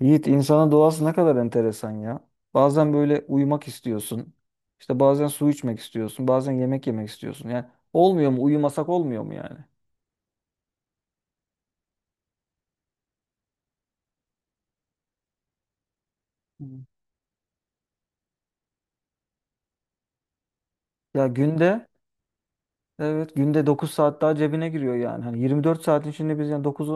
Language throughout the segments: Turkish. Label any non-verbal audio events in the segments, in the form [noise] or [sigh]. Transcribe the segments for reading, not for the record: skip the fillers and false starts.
Yiğit insanın doğası ne kadar enteresan ya. Bazen böyle uyumak istiyorsun. İşte bazen su içmek istiyorsun. Bazen yemek yemek istiyorsun. Yani olmuyor mu? Uyumasak olmuyor mu yani? Hmm. Ya günde evet günde 9 saat daha cebine giriyor yani. Hani 24 saatin içinde biz yani 9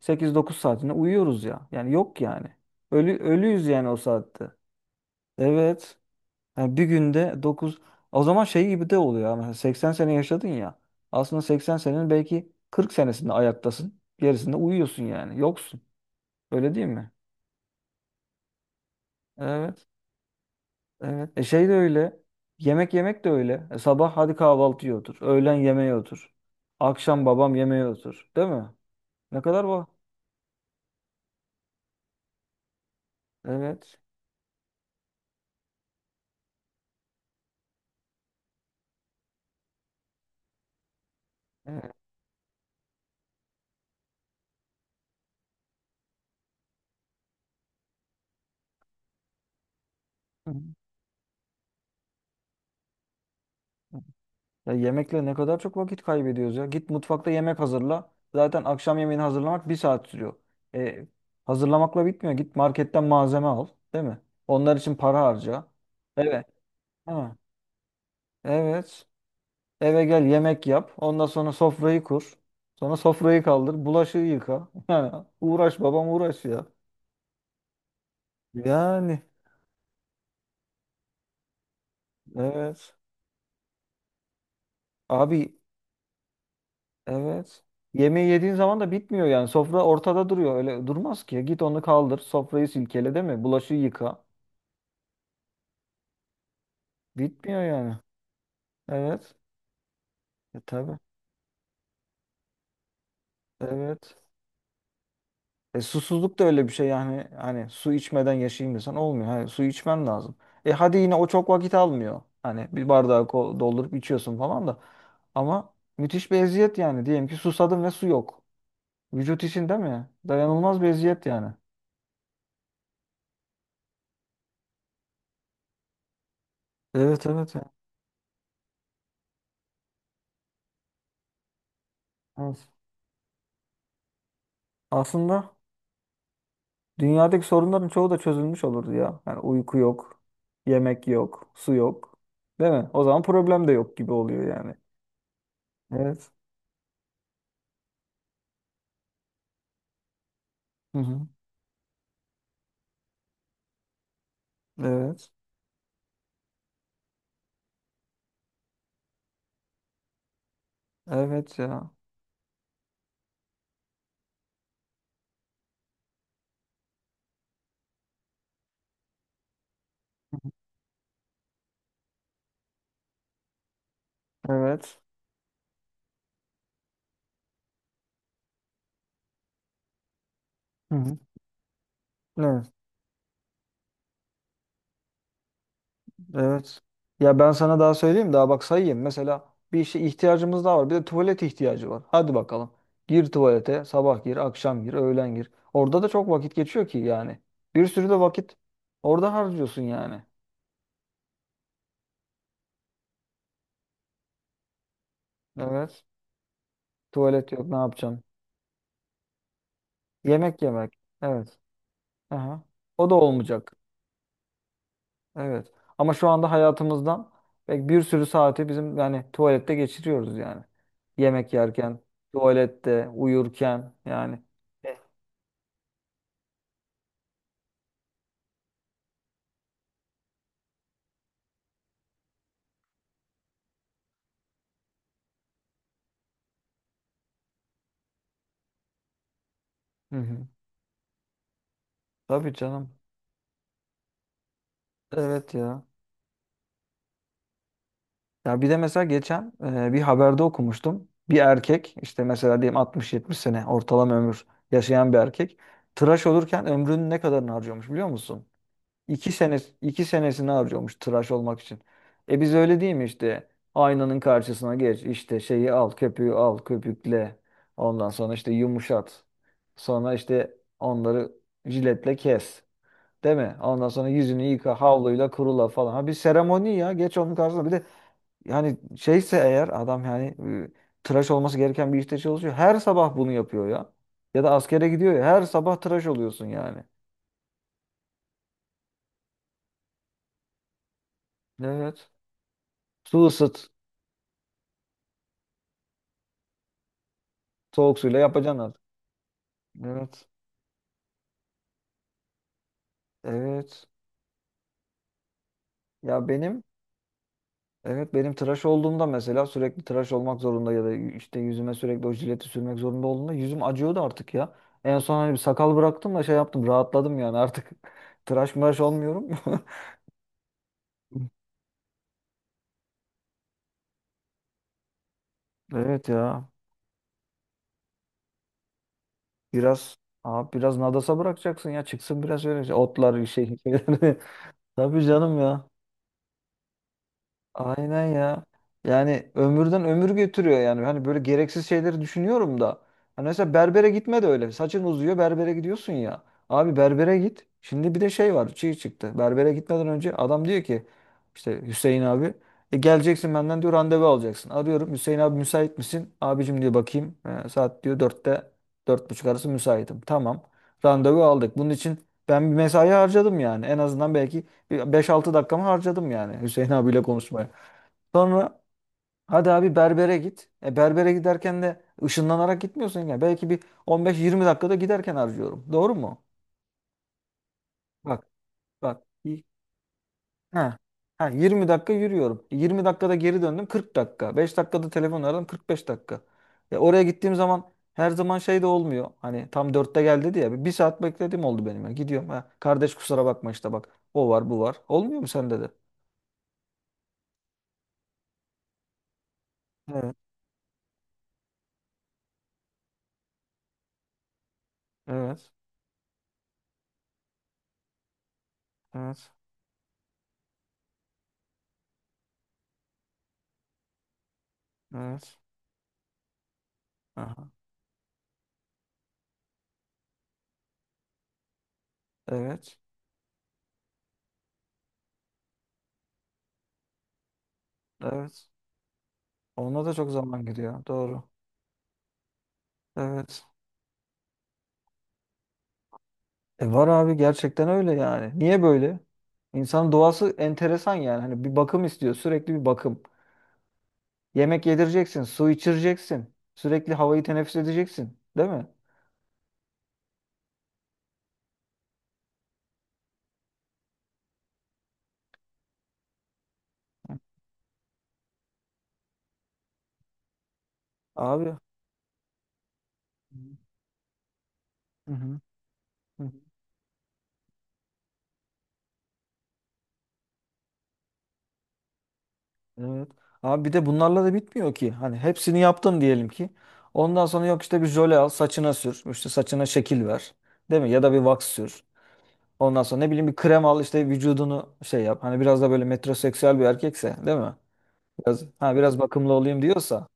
sekiz dokuz saatinde uyuyoruz ya. Yani yok yani. Ölüyüz yani o saatte. Evet. Yani bir günde 9 O zaman şey gibi de oluyor ama mesela 80 sene yaşadın ya. Aslında 80 senenin belki 40 senesinde ayaktasın. Gerisinde uyuyorsun yani. Yoksun. Öyle değil mi? Evet. Evet. Şey de öyle. Yemek yemek de öyle. Sabah hadi kahvaltıya otur. Öğlen yemeğe otur. Akşam babam yemeğe otur. Değil mi? Ne kadar var? Evet. Evet. Ya yemekle ne kadar çok vakit kaybediyoruz ya. Git mutfakta yemek hazırla. Zaten akşam yemeğini hazırlamak bir saat sürüyor. E, Hazırlamakla bitmiyor. Git marketten malzeme al, değil mi? Onlar için para harca. Evet. Ha, evet. Eve gel yemek yap. Ondan sonra sofrayı kur. Sonra sofrayı kaldır. Bulaşığı yıka. [laughs] Yani uğraş babam uğraş ya. Yani evet. Abi, evet. Yemeği yediğin zaman da bitmiyor yani. Sofra ortada duruyor. Öyle durmaz ki. Git onu kaldır. Sofrayı silkele değil mi? Bulaşığı yıka. Bitmiyor yani. Evet. E tabii. Evet. Susuzluk da öyle bir şey yani. Hani su içmeden yaşayayım desen olmuyor. Hayır, su içmen lazım. Hadi yine o çok vakit almıyor. Hani bir bardağı doldurup içiyorsun falan da. Ama müthiş bir eziyet yani. Diyelim ki susadın ve su yok. Vücut için değil mi? Dayanılmaz bir eziyet yani. Evet, evet, ya. Evet. Aslında dünyadaki sorunların çoğu da çözülmüş olurdu ya. Yani uyku yok, yemek yok, su yok. Değil mi? O zaman problem de yok gibi oluyor yani. Evet. Hı hı. Evet. Evet ya. Evet. Hı hı. Evet. Evet. Ya ben sana daha söyleyeyim, daha bak sayayım. Mesela bir işe ihtiyacımız daha var. Bir de tuvalet ihtiyacı var. Hadi bakalım. Gir tuvalete. Sabah gir, akşam gir, öğlen gir. Orada da çok vakit geçiyor ki yani. Bir sürü de vakit orada harcıyorsun yani. Evet. Tuvalet yok, ne yapacağım? Yemek yemek. Evet. Aha. O da olmayacak. Evet. Ama şu anda hayatımızdan pek bir sürü saati bizim yani tuvalette geçiriyoruz yani. Yemek yerken, tuvalette, uyurken yani. Evet. Hı hı. Tabii canım. Evet ya. Ya bir de mesela geçen bir haberde okumuştum. Bir erkek işte mesela diyelim 60-70 sene ortalama ömür yaşayan bir erkek tıraş olurken ömrünün ne kadarını harcıyormuş biliyor musun? İki sene, iki senesini harcıyormuş tıraş olmak için. E biz öyle değil mi işte? Aynanın karşısına geç, işte şeyi al, köpüğü al, köpükle. Ondan sonra işte yumuşat. Sonra işte onları jiletle kes. Değil mi? Ondan sonra yüzünü yıka, havluyla kurula falan. Ha, bir seremoni ya. Geç onun karşısına. Bir de yani şeyse eğer adam yani e, tıraş olması gereken bir işte çalışıyor. Her sabah bunu yapıyor ya. Ya da askere gidiyor ya. Her sabah tıraş oluyorsun yani. Evet. Su ısıt. Soğuk suyla yapacaksın artık. Evet. Evet. Ya benim evet benim tıraş olduğumda mesela sürekli tıraş olmak zorunda ya da işte yüzüme sürekli o jileti sürmek zorunda olduğunda yüzüm acıyordu artık ya. En son hani bir sakal bıraktım da şey yaptım rahatladım yani artık [laughs] tıraş mıraş olmuyorum. [laughs] Evet ya. Biraz abi, biraz nadasa bırakacaksın ya, çıksın biraz öyle şey, otlar bir şey. [laughs] Tabii canım ya. Aynen ya. Yani ömürden ömür götürüyor yani. Hani böyle gereksiz şeyleri düşünüyorum da. Hani mesela berbere gitme de öyle. Saçın uzuyor berbere gidiyorsun ya. Abi berbere git. Şimdi bir de şey var. Çiğ çıktı. Berbere gitmeden önce adam diyor ki işte Hüseyin abi, "E, geleceksin benden diyor randevu alacaksın. Arıyorum Hüseyin abi müsait misin? Abicim diyor bakayım. E, saat diyor dörtte dört buçuk arası müsaitim. Tamam. Randevu aldık. Bunun için ben bir mesai harcadım yani. En azından belki bir 5-6 dakikamı harcadım yani Hüseyin abiyle konuşmaya. Sonra hadi abi berbere git. Berbere giderken de ışınlanarak gitmiyorsun ya. Belki bir 15-20 dakikada giderken harcıyorum. Doğru mu? Bak bak. Ha. Ha, 20 dakika yürüyorum. 20 dakikada geri döndüm. 40 dakika. 5 dakikada telefon aradım. 45 dakika. Oraya gittiğim zaman her zaman şey de olmuyor. Hani tam dörtte geldi diye ya. Bir saat beklediğim oldu benim, ya. Gidiyorum. Ha, kardeş kusura bakma işte bak. O var bu var. Olmuyor mu sende de? Evet. Evet. Evet. Evet. Aha. Evet. Evet. Ona da çok zaman gidiyor. Doğru. Evet. Var abi gerçekten öyle yani. Niye böyle? İnsanın doğası enteresan yani. Hani bir bakım istiyor. Sürekli bir bakım. Yemek yedireceksin. Su içireceksin. Sürekli havayı teneffüs edeceksin. Değil mi? Abi. Hı hı. Hı. Evet. Abi bir de bunlarla da bitmiyor ki. Hani hepsini yaptım diyelim ki. Ondan sonra yok işte bir jöle al saçına sür. İşte saçına şekil ver. Değil mi? Ya da bir wax sür. Ondan sonra ne bileyim bir krem al işte vücudunu şey yap. Hani biraz da böyle metroseksüel bir erkekse değil mi? Biraz bakımlı olayım diyorsa.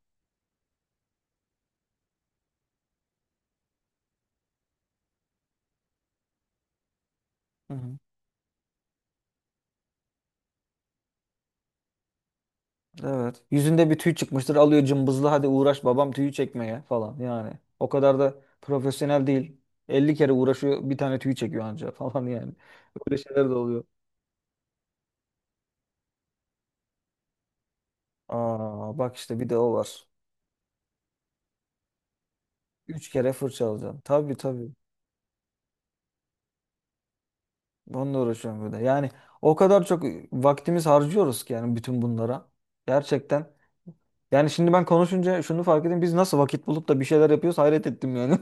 Hı hı. Evet. Yüzünde bir tüy çıkmıştır alıyor cımbızlı hadi uğraş babam tüyü çekmeye falan yani. O kadar da profesyonel değil. 50 kere uğraşıyor bir tane tüy çekiyor anca [laughs] falan yani. Böyle şeyler de oluyor. Aa bak işte bir de o var. 3 kere fırça alacaksın. Tabii, tabii. Onunla uğraşıyorum bir de. Yani o kadar çok vaktimiz harcıyoruz ki yani bütün bunlara. Gerçekten. Yani şimdi ben konuşunca şunu fark ettim. Biz nasıl vakit bulup da bir şeyler yapıyoruz hayret ettim yani.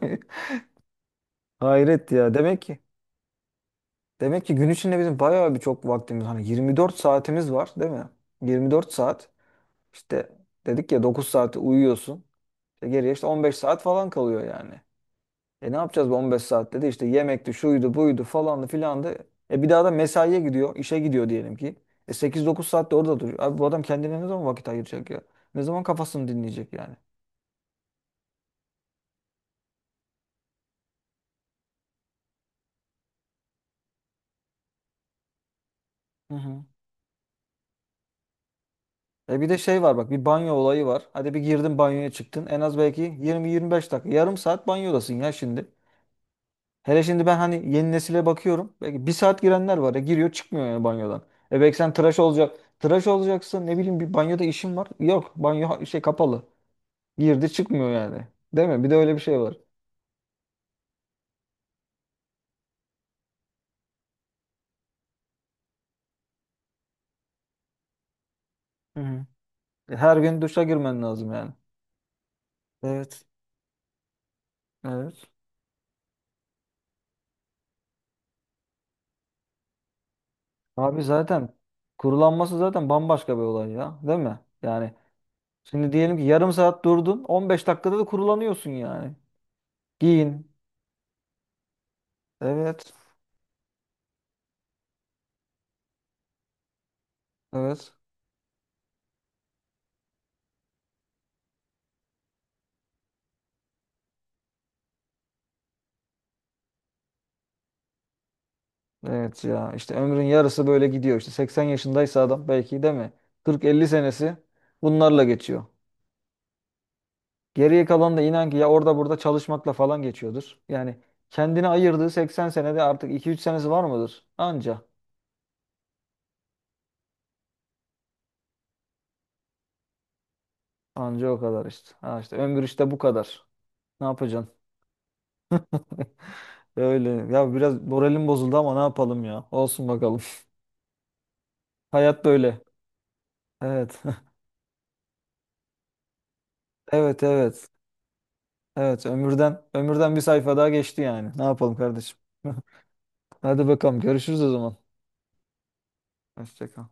[laughs] Hayret ya. Demek ki gün içinde bizim bayağı bir çok vaktimiz hani 24 saatimiz var değil mi? 24 saat işte dedik ya 9 saati uyuyorsun. İşte geriye işte 15 saat falan kalıyor yani. Ne yapacağız bu 15 saatte de işte yemekti, şuydu, buydu, falandı, filandı. Bir daha da mesaiye gidiyor, işe gidiyor diyelim ki. 8-9 saatte orada duruyor. Abi bu adam kendine ne zaman vakit ayıracak ya? Ne zaman kafasını dinleyecek yani? Hı hı. Bir de şey var bak, bir banyo olayı var. Hadi bir girdin banyoya çıktın. En az belki 20-25 dakika. Yarım saat banyodasın ya şimdi. Hele şimdi ben hani yeni nesile bakıyorum. Belki bir saat girenler var ya, giriyor çıkmıyor yani banyodan. Belki sen tıraş olacak. Tıraş olacaksın ne bileyim bir banyoda işin var. Yok banyo şey kapalı. Girdi çıkmıyor yani. Değil mi? Bir de öyle bir şey var. Hı hı. Her gün duşa girmen lazım yani. Evet. Evet. Abi zaten kurulanması zaten bambaşka bir olay ya. Değil mi? Yani şimdi diyelim ki yarım saat durdun. 15 dakikada da kurulanıyorsun yani. Giyin. Evet. Evet. Evet ya. İşte ömrün yarısı böyle gidiyor. İşte 80 yaşındaysa adam belki değil mi? 40-50 senesi bunlarla geçiyor. Geriye kalan da inan ki ya orada burada çalışmakla falan geçiyordur. Yani kendine ayırdığı 80 senede artık 2-3 senesi var mıdır? Anca. Anca o kadar işte. Ha işte ömür işte bu kadar. Ne yapacaksın? [laughs] Öyle. Ya biraz moralim bozuldu ama ne yapalım ya. Olsun bakalım. [laughs] Hayat böyle. Evet. [laughs] Evet, evet. Evet ömürden bir sayfa daha geçti yani. Ne yapalım kardeşim? [laughs] Hadi bakalım görüşürüz o zaman. Hoşça kal.